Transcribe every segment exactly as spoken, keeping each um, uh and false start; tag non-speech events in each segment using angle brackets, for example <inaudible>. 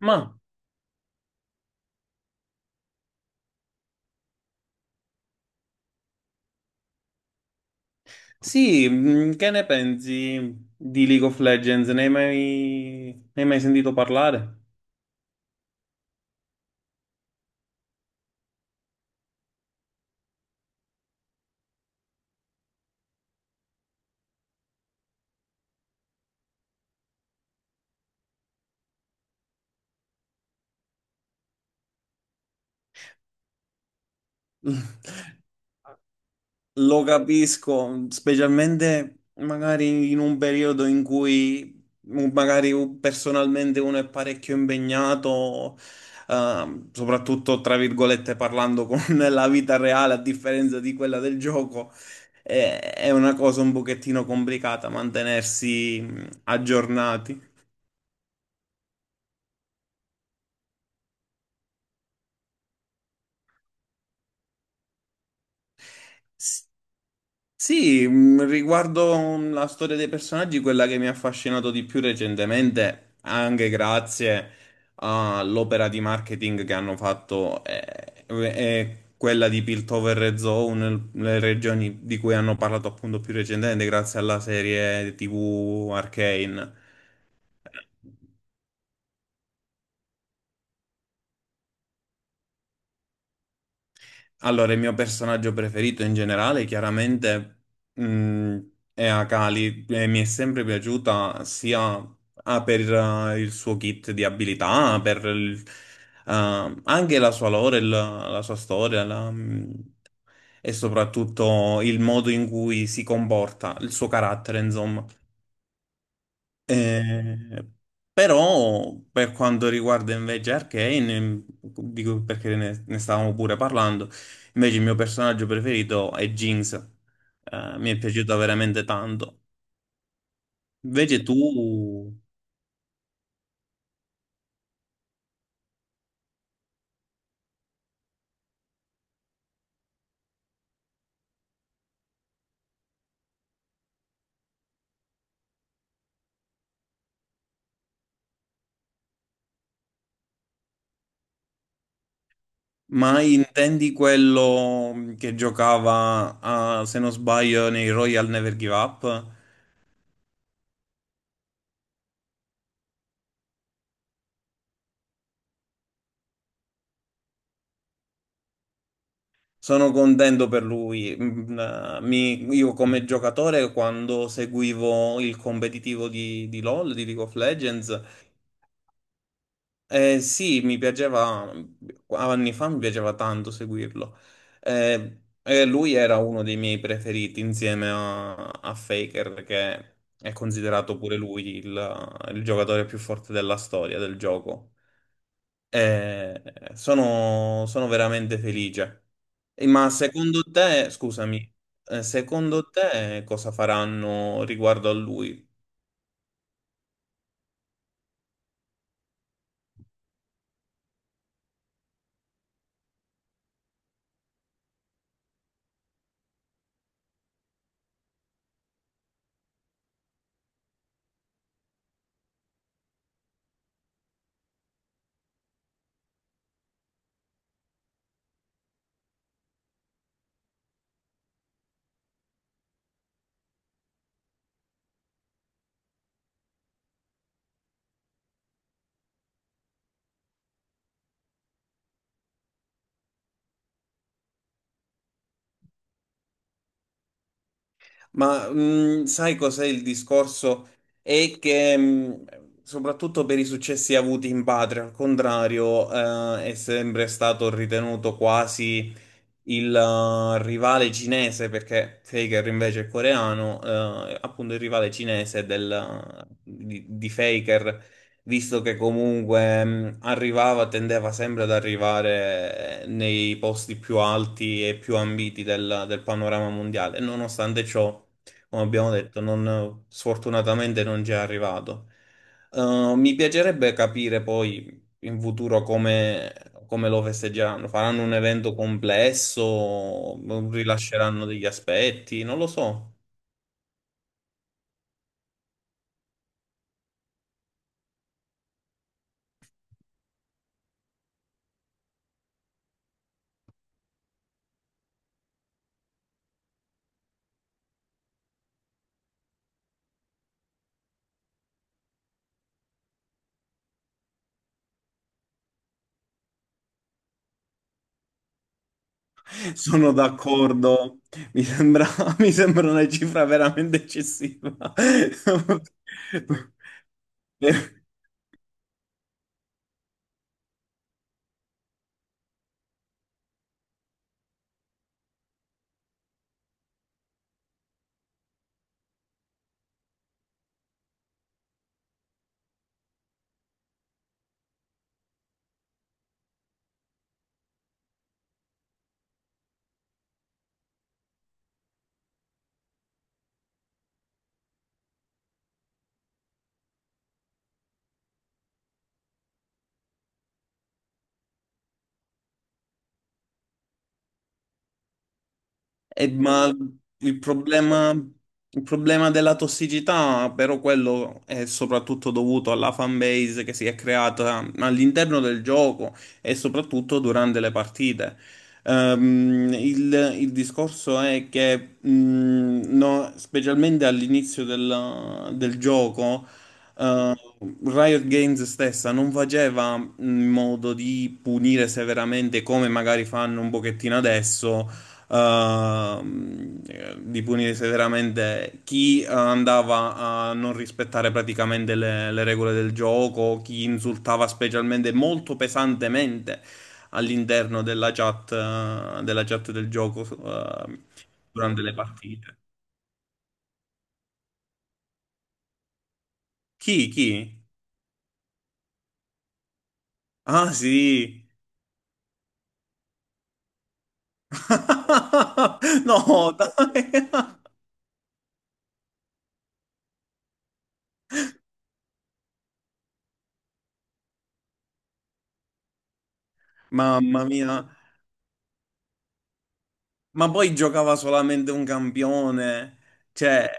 Ma sì, mh, che ne pensi di League of Legends? Ne hai mai, ne hai mai sentito parlare? <laughs> Lo capisco, specialmente magari in un periodo in cui mm, magari personalmente uno è parecchio impegnato, ehm, soprattutto tra virgolette parlando con <laughs> la vita reale a differenza di quella del gioco. È è una cosa un pochettino complicata mantenersi mh, aggiornati. Sì, mh, riguardo mh, la storia dei personaggi, quella che mi ha affascinato di più recentemente, anche grazie all'opera di marketing che hanno fatto, è, è quella di Piltover e Zone, le regioni di cui hanno parlato appunto più recentemente, grazie alla serie T V Arcane. Allora, il mio personaggio preferito in generale, chiaramente, mh, è Akali e mi è sempre piaciuta sia ah, per eh, il suo kit di abilità, per il- ah, anche la sua lore, il- la sua storia, la- mh, e soprattutto il modo in cui si comporta, il suo carattere, insomma. Eh, Però per quanto riguarda invece Arcane, mhmm, dico perché ne, ne stavamo pure parlando, invece il mio personaggio preferito è Jinx. Eh, mi è piaciuta veramente tanto. Invece tu, ma intendi quello mhmm, che giocava, a- se non sbaglio, nei Royal Never Give Up? Sono contento per lui. Mm, eh, mi- io come giocatore, quando seguivo il competitivo di, di LoL, di League of Legends. Eh, sì, mi piaceva, anni fa mi piaceva tanto seguirlo. Eh, eh, lui era uno dei miei preferiti insieme a, a Faker, che è considerato pure lui il, il giocatore più forte della storia del gioco. Eh, sono, sono veramente felice. Eh, Ma secondo te, scusami, eh, secondo te cosa faranno riguardo a lui? Ma mh, sai cos'è il discorso? È che mh, soprattutto per i successi avuti in patria, al contrario, eh, è sempre stato ritenuto quasi il eh, rivale cinese, perché Faker invece è coreano, eh, appunto il rivale cinese del- eh, di, di Faker, visto che comunque mh, arrivava, tendeva sempre ad arrivare eh, nei posti più alti e più ambiti del, del panorama mondiale. Nonostante ciò, come abbiamo detto, non- sfortunatamente non ci è arrivato. Eh, mi piacerebbe capire poi in futuro come, come lo festeggeranno? Faranno un evento complesso? Rilasceranno degli aspetti? Non lo so. Sono d'accordo. Mi sembra, <laughs> mi sembra una cifra veramente eccessiva. <laughs> Eh, ma il problema, il problema della tossicità, però quello è soprattutto dovuto alla fanbase che si è creata all'interno del gioco e soprattutto durante le partite. Ehm, il, il discorso è che, mh, no, specialmente all'inizio del, del gioco, Riot Games stessa non faceva in modo di punire severamente come magari fanno un pochettino adesso, ehm, di punire severamente chi eh, andava a non rispettare praticamente le, le regole del gioco, chi insultava specialmente molto pesantemente all'interno della chat, eh, della chat del gioco, eh, durante le partite. Chi? Chi? Ah sì. <laughs> No, dai. <laughs> Mamma mia. Ma poi giocava solamente un campione. Cioè,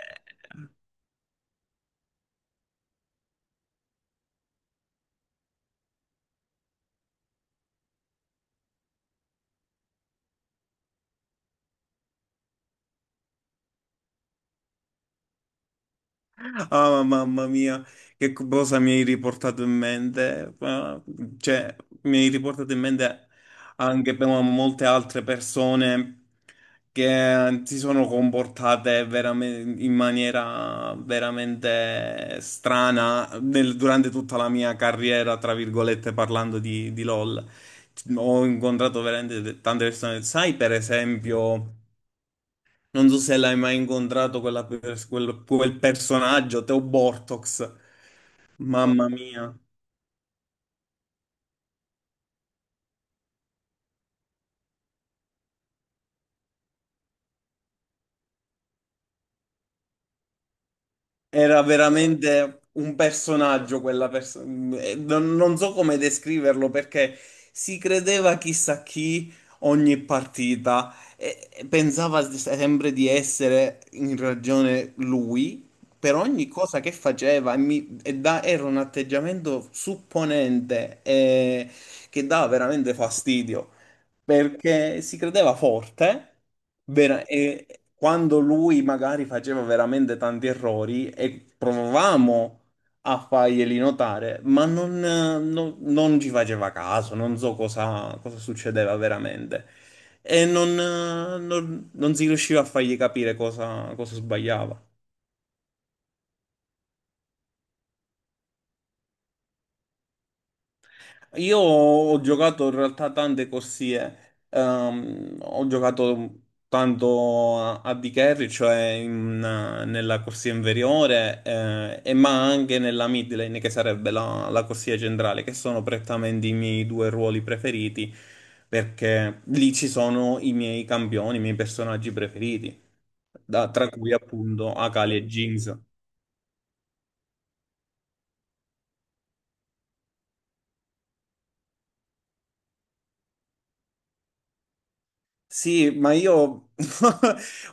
ah, mamma mia, che cosa mi hai riportato in mente? Ah, cioè, mi hai riportato in mente anche per molte altre persone che si sono comportate veramente in maniera veramente strana nel- durante tutta la mia carriera, tra virgolette, parlando di, di LOL. Ho incontrato veramente tante persone. Sai, per esempio. Non so se l'hai mai incontrato quella pers- quel, quel personaggio, Teo Bortox. Mamma mia, era veramente un personaggio quella persona. Non, non so come descriverlo perché si credeva chissà chi ogni partita e e pensava s- sempre di essere in ragione lui per ogni cosa che faceva e mi- e da- era un atteggiamento supponente eh, che dava veramente fastidio. Perché si credeva forte vera- e quando lui magari faceva veramente tanti errori e provavamo a farglieli notare, ma non, non- non ci faceva caso, non so cosa, cosa succedeva veramente. E non, non- non si riusciva a fargli capire cosa cosa sbagliava. Io ho giocato in realtà tante corsie, ehm, ho giocato tanto a, a D carry, cioè in- nella corsia inferiore, eh, e ma anche nella mid lane, che sarebbe la, la corsia centrale, che sono prettamente i miei due ruoli preferiti, perché lì ci sono i miei campioni, i miei personaggi preferiti, da- tra cui appunto Akali e Jinx. Sì, ma io <laughs>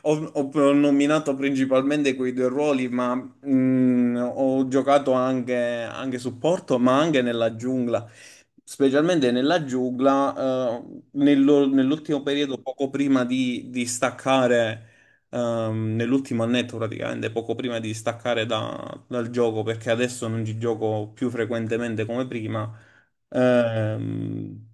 ho, ho nominato principalmente quei due ruoli, ma mh, ho giocato anche, anche supporto, ma anche nella giungla. Specialmente nella giungla, eh, nello- nell'ultimo periodo, poco prima di, di staccare, ehm, nell'ultimo annetto praticamente, poco prima di staccare da- dal gioco, perché adesso non ci gioco più frequentemente come prima. Ehm,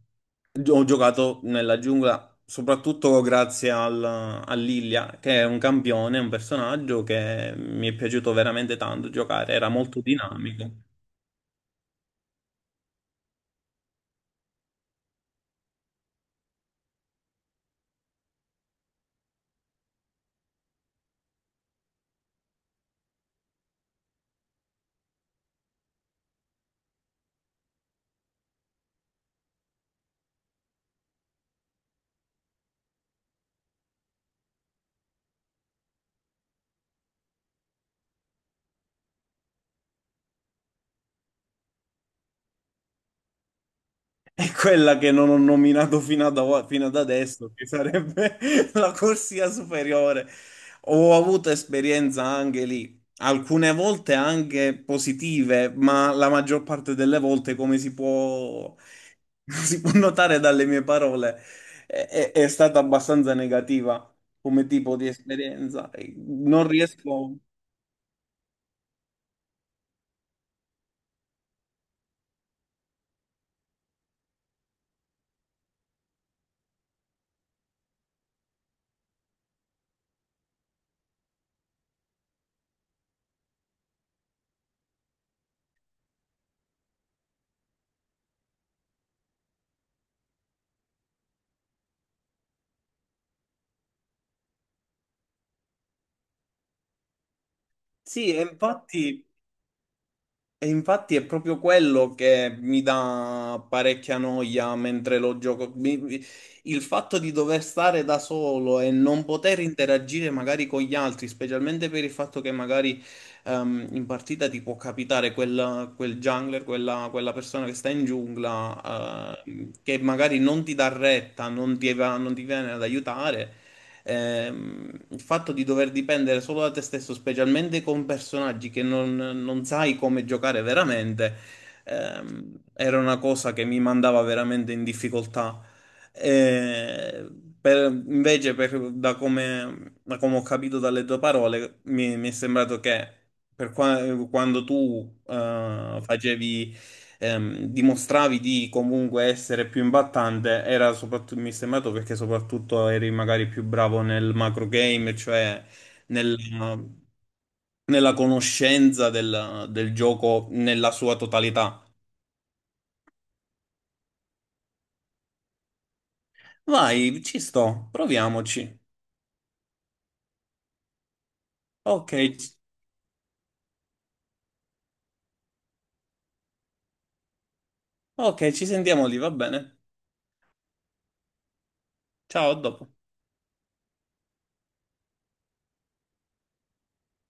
ho giocato nella giungla soprattutto grazie al, a Lilia, che è un campione, un personaggio che mi è piaciuto veramente tanto giocare, era molto dinamico. È quella che non ho nominato fino ad, o- fino ad adesso, che sarebbe <laughs> la corsia superiore. Ho avuto esperienza anche lì, alcune volte anche positive, ma la maggior parte delle volte, come si può, <laughs> si può notare dalle mie parole, è, è- è stata abbastanza negativa come tipo di esperienza. Non riesco... Sì, e infatti... E infatti è proprio quello che mi dà parecchia noia mentre lo gioco. Mi- mi- il fatto di dover stare da solo e non poter interagire magari con gli altri, specialmente per il fatto che magari ehm, in partita ti può capitare quel, quel jungler, quella, quella persona che sta in giungla, ehm, che magari non ti dà retta, non ti va- non ti viene ad aiutare. Ehm, il fatto di dover dipendere solo da te stesso, specialmente con personaggi che non, non sai come giocare veramente, ehm, era una cosa che mi mandava veramente in difficoltà. Eh, per- invece, per- da come, da come ho capito dalle tue parole, mi, mi è sembrato che per qua- quando tu eh, facevi ehm, dimostravi di comunque essere più imbattante, era soprattutto, mi è sembrato perché soprattutto eri magari più bravo nel macro game, cioè nel- nella conoscenza del, del gioco nella sua totalità. Vai, ci sto, proviamoci. Ok, ok, ci sentiamo lì, va bene. Ciao, a dopo.